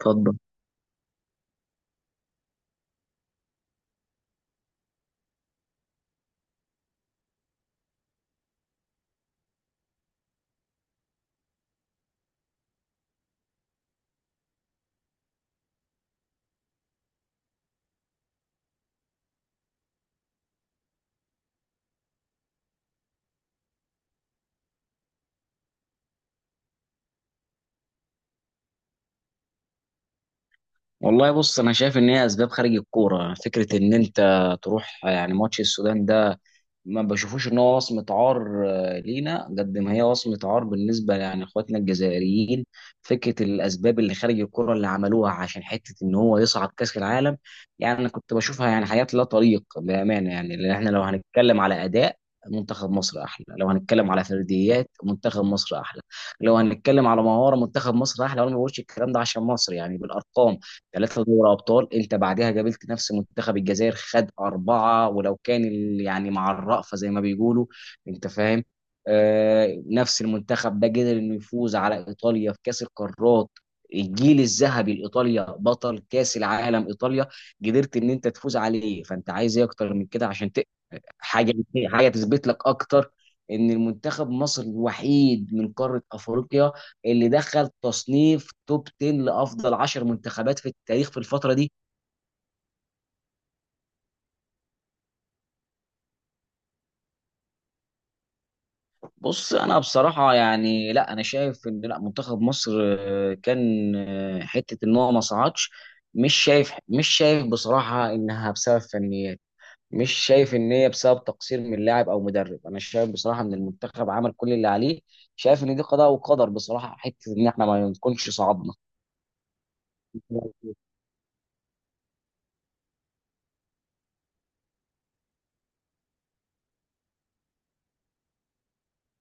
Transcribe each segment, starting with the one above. اتفضل. والله، بص، انا شايف ان هي اسباب خارج الكوره. فكره ان انت تروح يعني ماتش السودان ده، ما بشوفوش ان هو وصمه عار لينا قد ما هي وصمه عار بالنسبه يعني اخواتنا الجزائريين. فكره الاسباب اللي خارج الكوره اللي عملوها عشان حته ان هو يصعد كاس العالم. يعني انا كنت بشوفها يعني حاجات لا طريق بامانه، يعني لان احنا لو هنتكلم على اداء منتخب مصر احلى، لو هنتكلم على فرديات منتخب مصر احلى، لو هنتكلم على مهاره منتخب مصر احلى. وانا ما بقولش الكلام ده عشان مصر، يعني بالارقام ثلاثة دوري أبطال. أنت بعدها قابلت نفس منتخب الجزائر خد أربعة، ولو كان يعني مع الرأفة زي ما بيقولوا. أنت فاهم؟ آه، نفس المنتخب ده قدر إنه يفوز على إيطاليا في كأس القارات، الجيل الذهبي لإيطاليا بطل كأس العالم. إيطاليا قدرت إن أنت تفوز عليه، فأنت عايز إيه أكتر من كده؟ عشان حاجه، حاجه تثبت لك اكتر ان المنتخب مصر الوحيد من قاره افريقيا اللي دخل تصنيف توب 10، لافضل 10 منتخبات في التاريخ في الفتره دي. بص انا بصراحه يعني لا، انا شايف ان لا منتخب مصر كان حته ان هو ما صعدش. مش شايف بصراحه انها بسبب فنيات. مش شايف ان هي بسبب تقصير من لاعب او مدرب. انا شايف بصراحه ان المنتخب عمل كل اللي عليه. شايف ان دي قضاء وقدر بصراحه حته ان احنا ما نكونش صعدنا.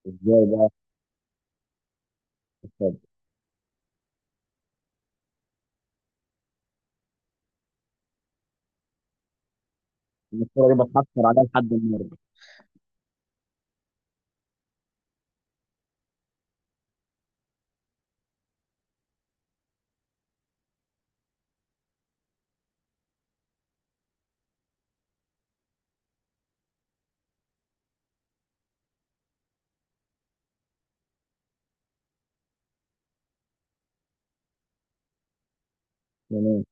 ازاي بقى؟ الصوره دي بتحصل عليها لحد النهارده. تمام.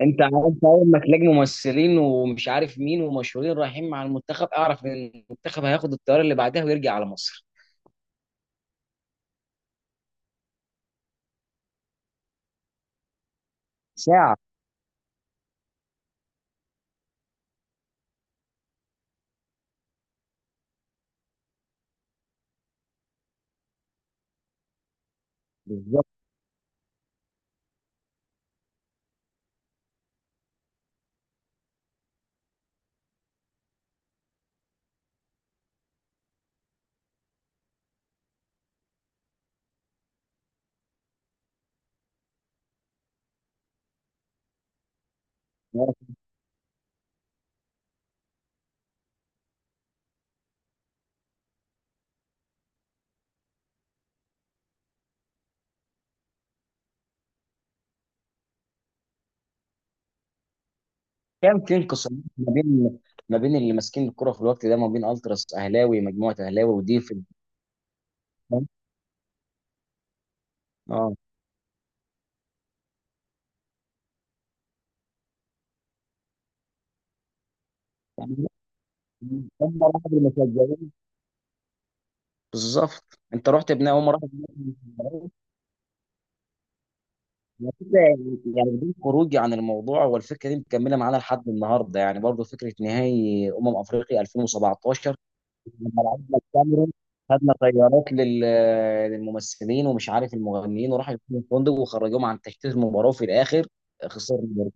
انت عارف، اول ما تلاقي ممثلين ومش عارف مين ومشهورين رايحين مع المنتخب، اعرف ان المنتخب هياخد الطياره اللي بعدها ويرجع على مصر. ساعه. بالظبط. كان في انقسام ما بين اللي ماسكين الكره في الوقت ده، ما بين التراس اهلاوي، مجموعه اهلاوي، ودي في. اه. يعني هم راحوا بالمشجعين. بالظبط انت رحت بناء هم راحوا بناء بالمشجعين. على فكرة يعني كده، يعني بدون خروجي عن الموضوع، والفكره دي مكمله معانا لحد النهارده يعني برضه. فكره نهائي افريقيا 2017 لما لعبنا الكاميرون، خدنا طيارات للممثلين ومش عارف المغنيين، وراحوا يكونوا فندق وخرجوهم عن تشتيت المباراه، وفي الاخر خسرنا برضه.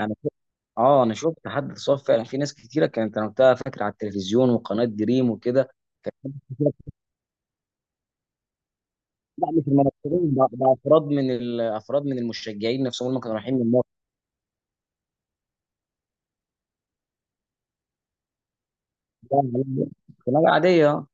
انا شفت- اه، انا شفت حد اتصاب فعلا، في ناس كتيره كانت، انا وقتها فاكر على التلفزيون وقناه دريم وكده. لا، مش المنافسين ده، ده افراد من افراد من المشجعين نفسهم اللي كانوا رايحين من الماتش. ده، خناقه عاديه.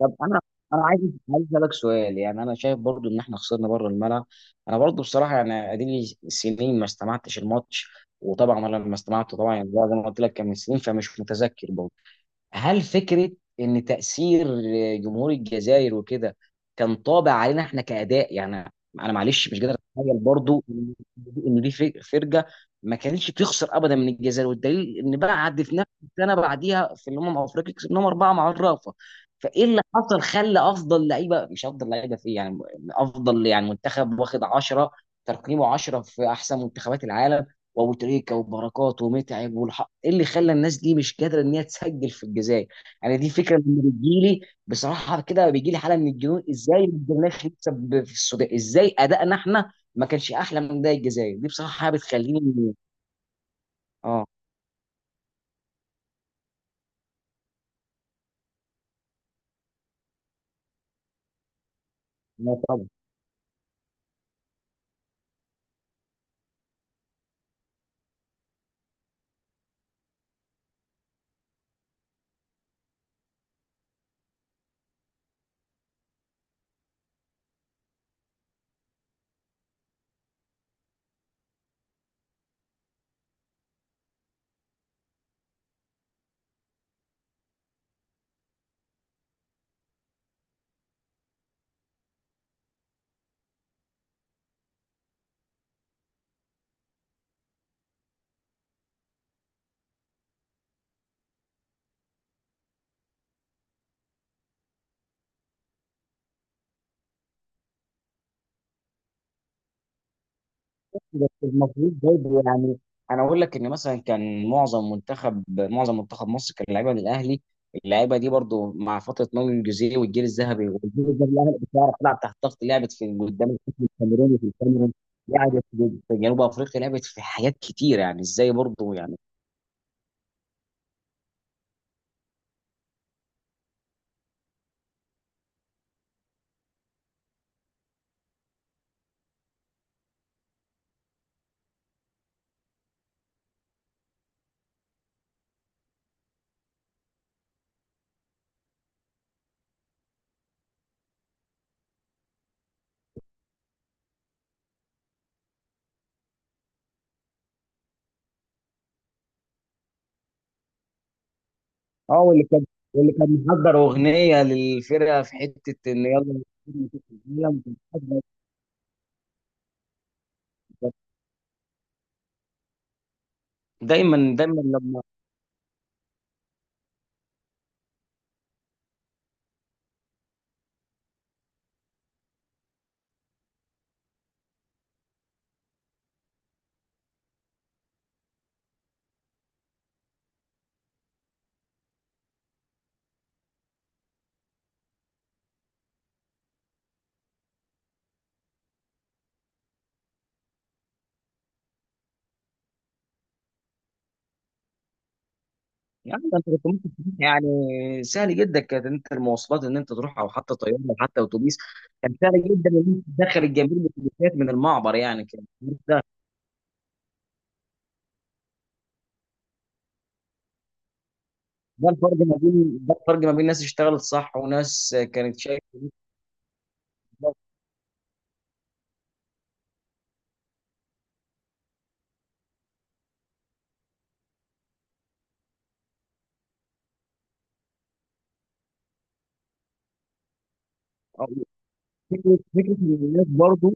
طب انا، عايز اسالك سؤال، يعني انا شايف برضو ان احنا خسرنا بره الملعب. انا برضو بصراحه، يعني اديلي سنين ما استمعتش الماتش. وطبعا انا لما استمعته طبعا، يعني زي ما قلت لك كان من سنين، فمش متذكر برضو. هل فكرة إن تأثير جمهور الجزائر وكده كان طابع علينا إحنا كأداء يعني؟ أنا معلش مش قادر أتخيل برضو إن دي فرقة ما كانتش بتخسر أبدا من الجزائر. والدليل إن بعد، في نفس السنة بعديها في الأمم الأفريقية، كسبناهم أربعة مع الرافة. فإيه اللي حصل خلى أفضل لعيبة، مش أفضل لعيبة في إيه، يعني أفضل يعني منتخب واخد 10، ترقيمه 10 في أحسن منتخبات العالم، وابو تريكه وبركات ومتعب والحق، ايه اللي خلى الناس دي مش قادره ان هي تسجل في الجزائر؟ يعني دي فكره من بتجيلي بصراحه كده. بيجيلي حاله من الجنون ازاي ما قدرناش نكسب في السودان، ازاي ادائنا احنا ما كانش احلى من ده؟ الجزائر دي بصراحه بتخليني. اه. لا طبعا. بس المفروض برضه يعني، انا اقول لك ان مثلا كان معظم منتخب مصر كان لعيبه من الاهلي. اللعيبه دي برضه مع فتره ناضي الجوزيه والجيل الذهبي، والجيل الذهبي الاهلي بتعرف تلعب تحت ضغط، لعبت في قدام الحكم الكاميروني في الكاميرون، لعبت في في جنوب افريقيا، لعبت في حاجات كتير، يعني ازاي برضه يعني؟ اه، واللي كان محضر اغنيه للفرقه في حته ان يلا. دايما دايما. يعني انت كنت ممكن تروح يعني. سهل جدا كانت انت المواصلات ان انت تروح، او حتى طياره او حتى اتوبيس. كان سهل جدا ان انت تدخل الجميع بالاتوبيسات من المعبر، يعني كان ده. ده الفرق ما بين ناس اشتغلت صح وناس كانت شايفه. أو، فكره ان الناس برضه،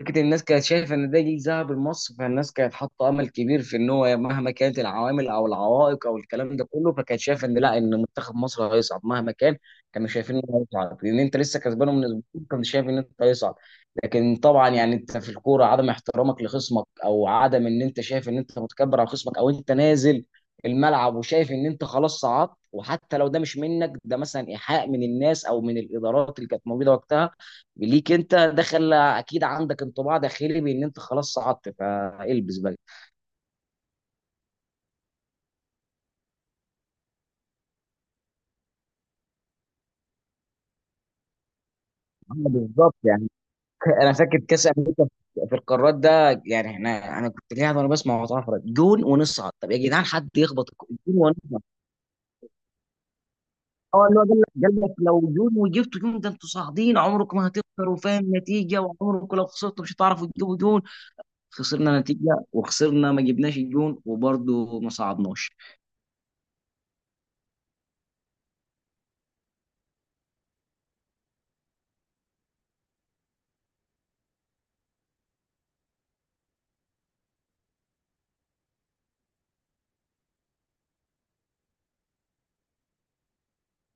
فكرة الناس كانت شايفة إن ده جيل ذهب لمصر، فالناس كانت حاطة أمل كبير في إن هو مهما كانت العوامل أو العوائق أو الكلام ده كله، فكانت شايفة إن لا، إن منتخب مصر هيصعد مهما كان. كانوا شايفين إنه هيصعد لأن أنت لسه كسبانه من أسبوعين، كنت شايف إن أنت هيصعد. لكن طبعا يعني أنت في الكورة، عدم احترامك لخصمك أو عدم إن أنت شايف إن أنت متكبر على خصمك، أو أنت نازل الملعب وشايف إن أنت خلاص صعدت، وحتى لو ده مش منك، ده مثلا إيحاء من الناس أو من الإدارات اللي كانت موجودة وقتها ليك، انت دخل اكيد عندك انطباع داخلي بان انت خلاص صعدت فالبس بقى. آه، بالظبط يعني. انا فاكر كاس امريكا في القارات ده، يعني احنا، انا كنت قاعد وانا بسمع وأنا اتفرج، جون ونصعد. طب يا جدعان حد يخبط جون ونصعد. اه، اللي هو قال لك لو جون وجبتوا جون ده انتوا صاعدين عمرك ما هتخسروا، فاهم النتيجه؟ وعمرك لو خسرتوا مش هتعرفوا تجيبوا جون. خسرنا نتيجه وخسرنا، ما جبناش الجون وبرضه ما صعدناش.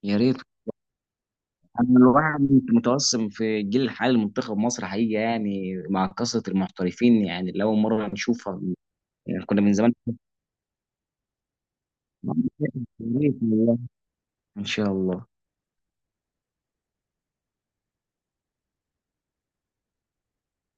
يا ريت. انا الواحد متوسم في الجيل الحالي لمنتخب مصر حقيقي، يعني مع كثره المحترفين، يعني لاول مره نشوفها. يعني كنا من زمان. ان شاء الله.